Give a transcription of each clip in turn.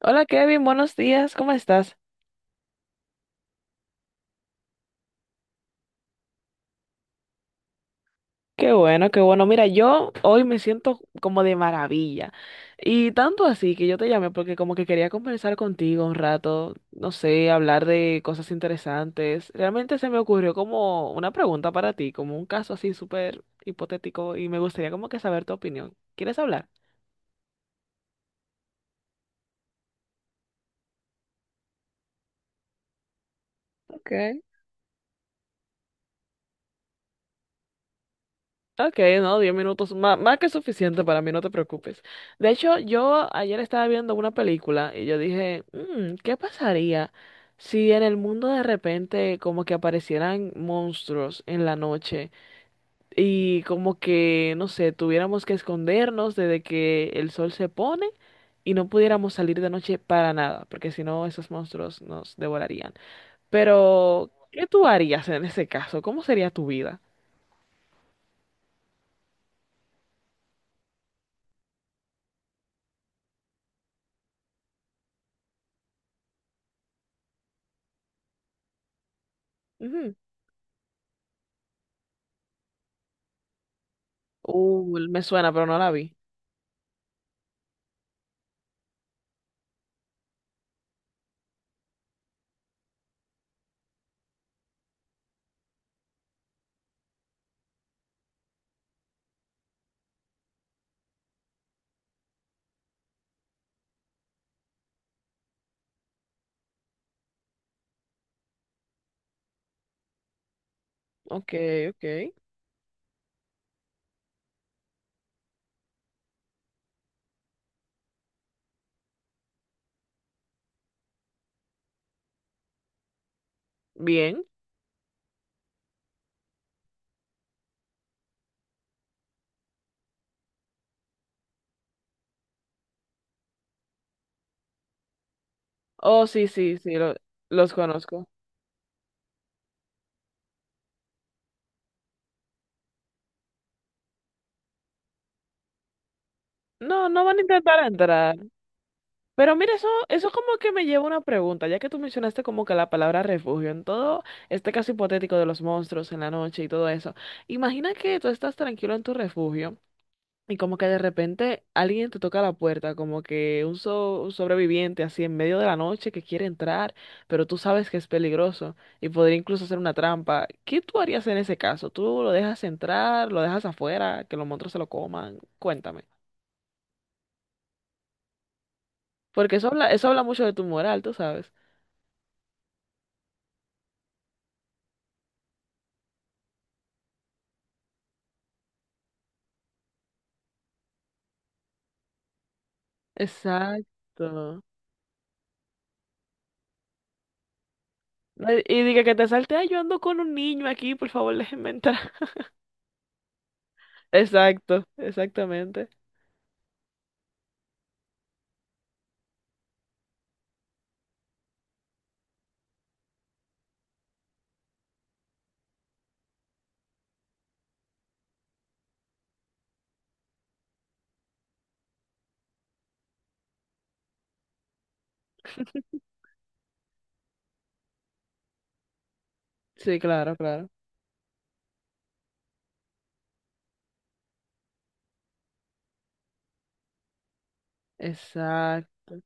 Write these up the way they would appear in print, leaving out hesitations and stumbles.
Hola Kevin, buenos días, ¿cómo estás? Qué bueno, qué bueno. Mira, yo hoy me siento como de maravilla. Y tanto así que yo te llamé porque como que quería conversar contigo un rato, no sé, hablar de cosas interesantes. Realmente se me ocurrió como una pregunta para ti, como un caso así súper hipotético y me gustaría como que saber tu opinión. ¿Quieres hablar? Ok. Ok, no, 10 minutos, más que suficiente para mí, no te preocupes. De hecho, yo ayer estaba viendo una película y yo dije, "Mm, ¿qué pasaría si en el mundo de repente como que aparecieran monstruos en la noche y como que, no sé, tuviéramos que escondernos desde que el sol se pone y no pudiéramos salir de noche para nada, porque si no, esos monstruos nos devorarían. Pero, ¿qué tú harías en ese caso? ¿Cómo sería tu vida?" Me suena, pero no la vi. Ok, ok. Bien. Oh, sí, sí, sí, los conozco. No, no van a intentar entrar. Pero mira, eso como que me lleva a una pregunta, ya que tú mencionaste como que la palabra refugio en todo este caso hipotético de los monstruos en la noche y todo eso. Imagina que tú estás tranquilo en tu refugio y como que de repente alguien te toca la puerta, como que un, un sobreviviente así en medio de la noche que quiere entrar, pero tú sabes que es peligroso y podría incluso hacer una trampa. ¿Qué tú harías en ese caso? ¿Tú lo dejas entrar, lo dejas afuera, que los monstruos se lo coman? Cuéntame. Porque eso habla mucho de tu moral, tú sabes. Exacto. No. Y diga que te salte, ay, yo ando con un niño aquí, por favor, déjenme entrar. Exacto, exactamente. Sí, claro, claro. Exacto.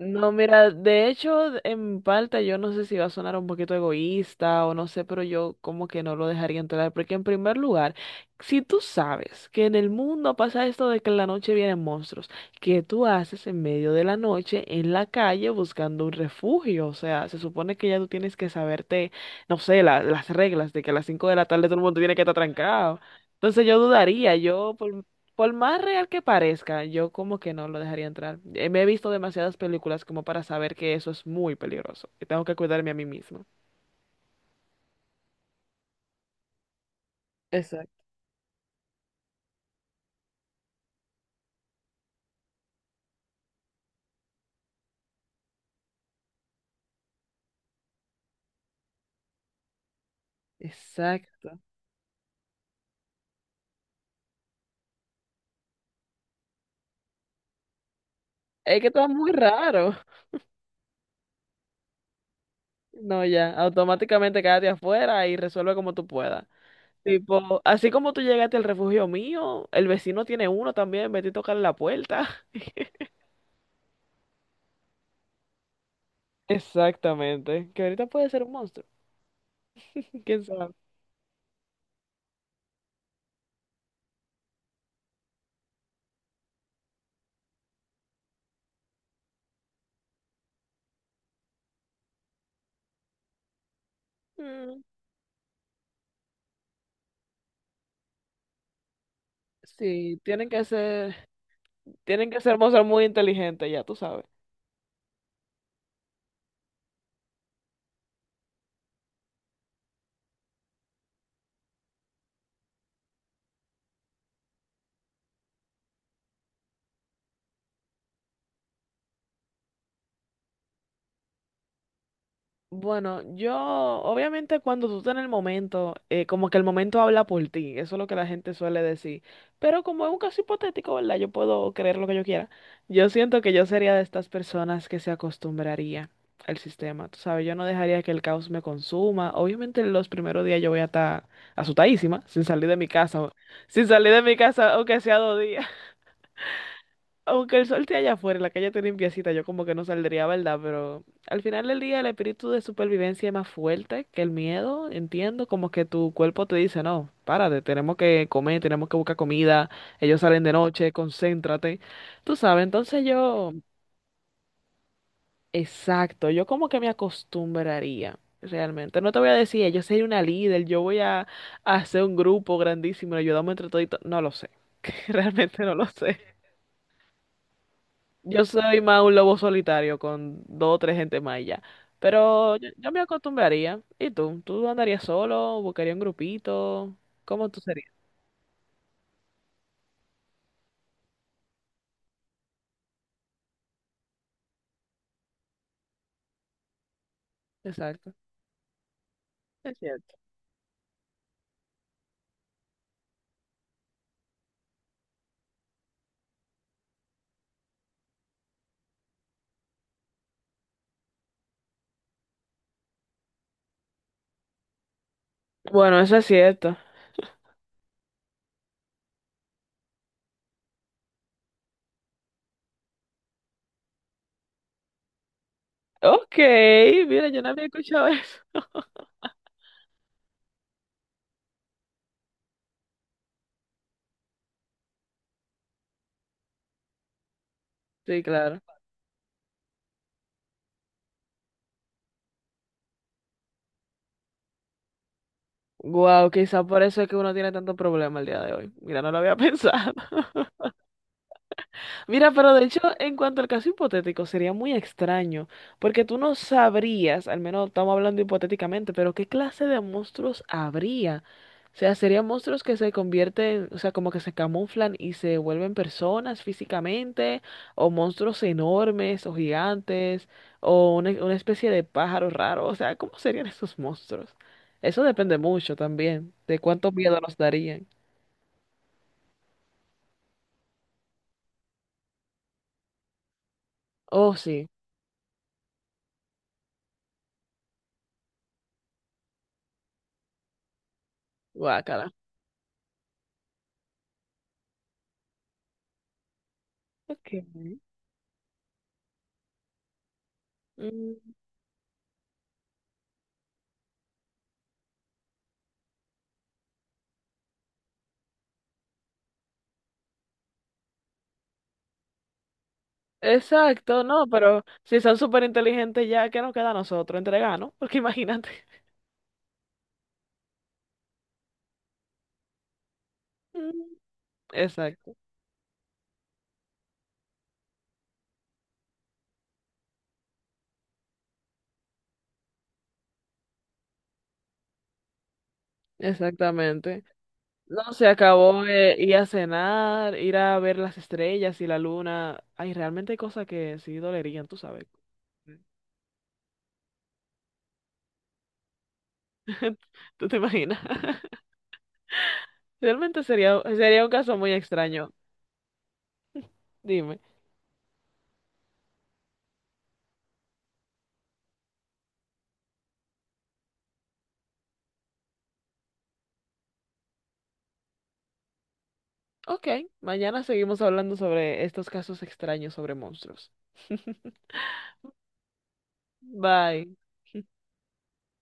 No, mira, de hecho, en parte yo no sé si va a sonar un poquito egoísta o no sé, pero yo como que no lo dejaría entrar, porque en primer lugar, si tú sabes que en el mundo pasa esto de que en la noche vienen monstruos, ¿qué tú haces en medio de la noche en la calle buscando un refugio? O sea, se supone que ya tú tienes que saberte, no sé, las reglas de que a las 5 de la tarde todo el mundo tiene que estar trancado. Entonces yo dudaría, yo por más real que parezca, yo como que no lo dejaría entrar. Me he visto demasiadas películas como para saber que eso es muy peligroso y tengo que cuidarme a mí mismo. Exacto. Exacto. Es que está muy raro. No, ya, automáticamente quédate afuera y resuelve como tú puedas. Tipo, así como tú llegaste al refugio mío, el vecino tiene uno también, vete a tocarle la puerta. Exactamente, que ahorita puede ser un monstruo, quién sabe. Mm. Sí, tienen que ser monstruos muy inteligentes, ya tú sabes. Bueno, yo, obviamente cuando tú estás en el momento, como que el momento habla por ti, eso es lo que la gente suele decir, pero como es un caso hipotético, ¿verdad? Yo puedo creer lo que yo quiera. Yo siento que yo sería de estas personas que se acostumbraría al sistema, tú sabes, yo no dejaría que el caos me consuma. Obviamente los primeros días yo voy a estar asustadísima, sin salir de mi casa, sin salir de mi casa, aunque sea 2 días. Aunque el sol esté allá afuera, la calle esté limpiecita, yo como que no saldría, ¿verdad? Pero al final del día el espíritu de supervivencia es más fuerte que el miedo, entiendo, como que tu cuerpo te dice, no, párate, tenemos que comer, tenemos que buscar comida, ellos salen de noche, concéntrate, tú sabes, entonces yo, exacto, yo como que me acostumbraría. Realmente, no te voy a decir, yo soy una líder, yo voy a hacer un grupo grandísimo, ayudamos entre todos, no lo sé, realmente no lo sé. Yo soy más un lobo solitario con dos o tres gente más y ya. Pero yo me acostumbraría. ¿Y tú? ¿Tú andarías solo? ¿Buscarías un grupito? ¿Cómo tú serías? Exacto. Es cierto. Bueno, eso es cierto. Ok, mira, yo no había escuchado eso. Sí, claro. Wow, quizás por eso es que uno tiene tanto problema el día de hoy. Mira, no lo había pensado. Mira, pero de hecho, en cuanto al caso hipotético, sería muy extraño, porque tú no sabrías, al menos estamos hablando hipotéticamente, pero ¿qué clase de monstruos habría? O sea, serían monstruos que se convierten, o sea, como que se camuflan y se vuelven personas físicamente, o monstruos enormes, o gigantes, o una especie de pájaro raro, o sea, ¿cómo serían esos monstruos? Eso depende mucho también, de cuánto miedo nos darían. Oh, sí, guácala. Ok. Mm. Exacto, no, pero si son súper inteligentes ya, ¿qué nos queda a nosotros? Entregar, ¿no? Porque imagínate. Mm. Exacto, exactamente. No, se acabó ir a cenar, ir a ver las estrellas y la luna. Ay, realmente hay cosas que sí dolerían, tú sabes. ¿Tú te imaginas? Realmente sería, sería un caso muy extraño. Dime. Ok, mañana seguimos hablando sobre estos casos extraños sobre monstruos. Bye.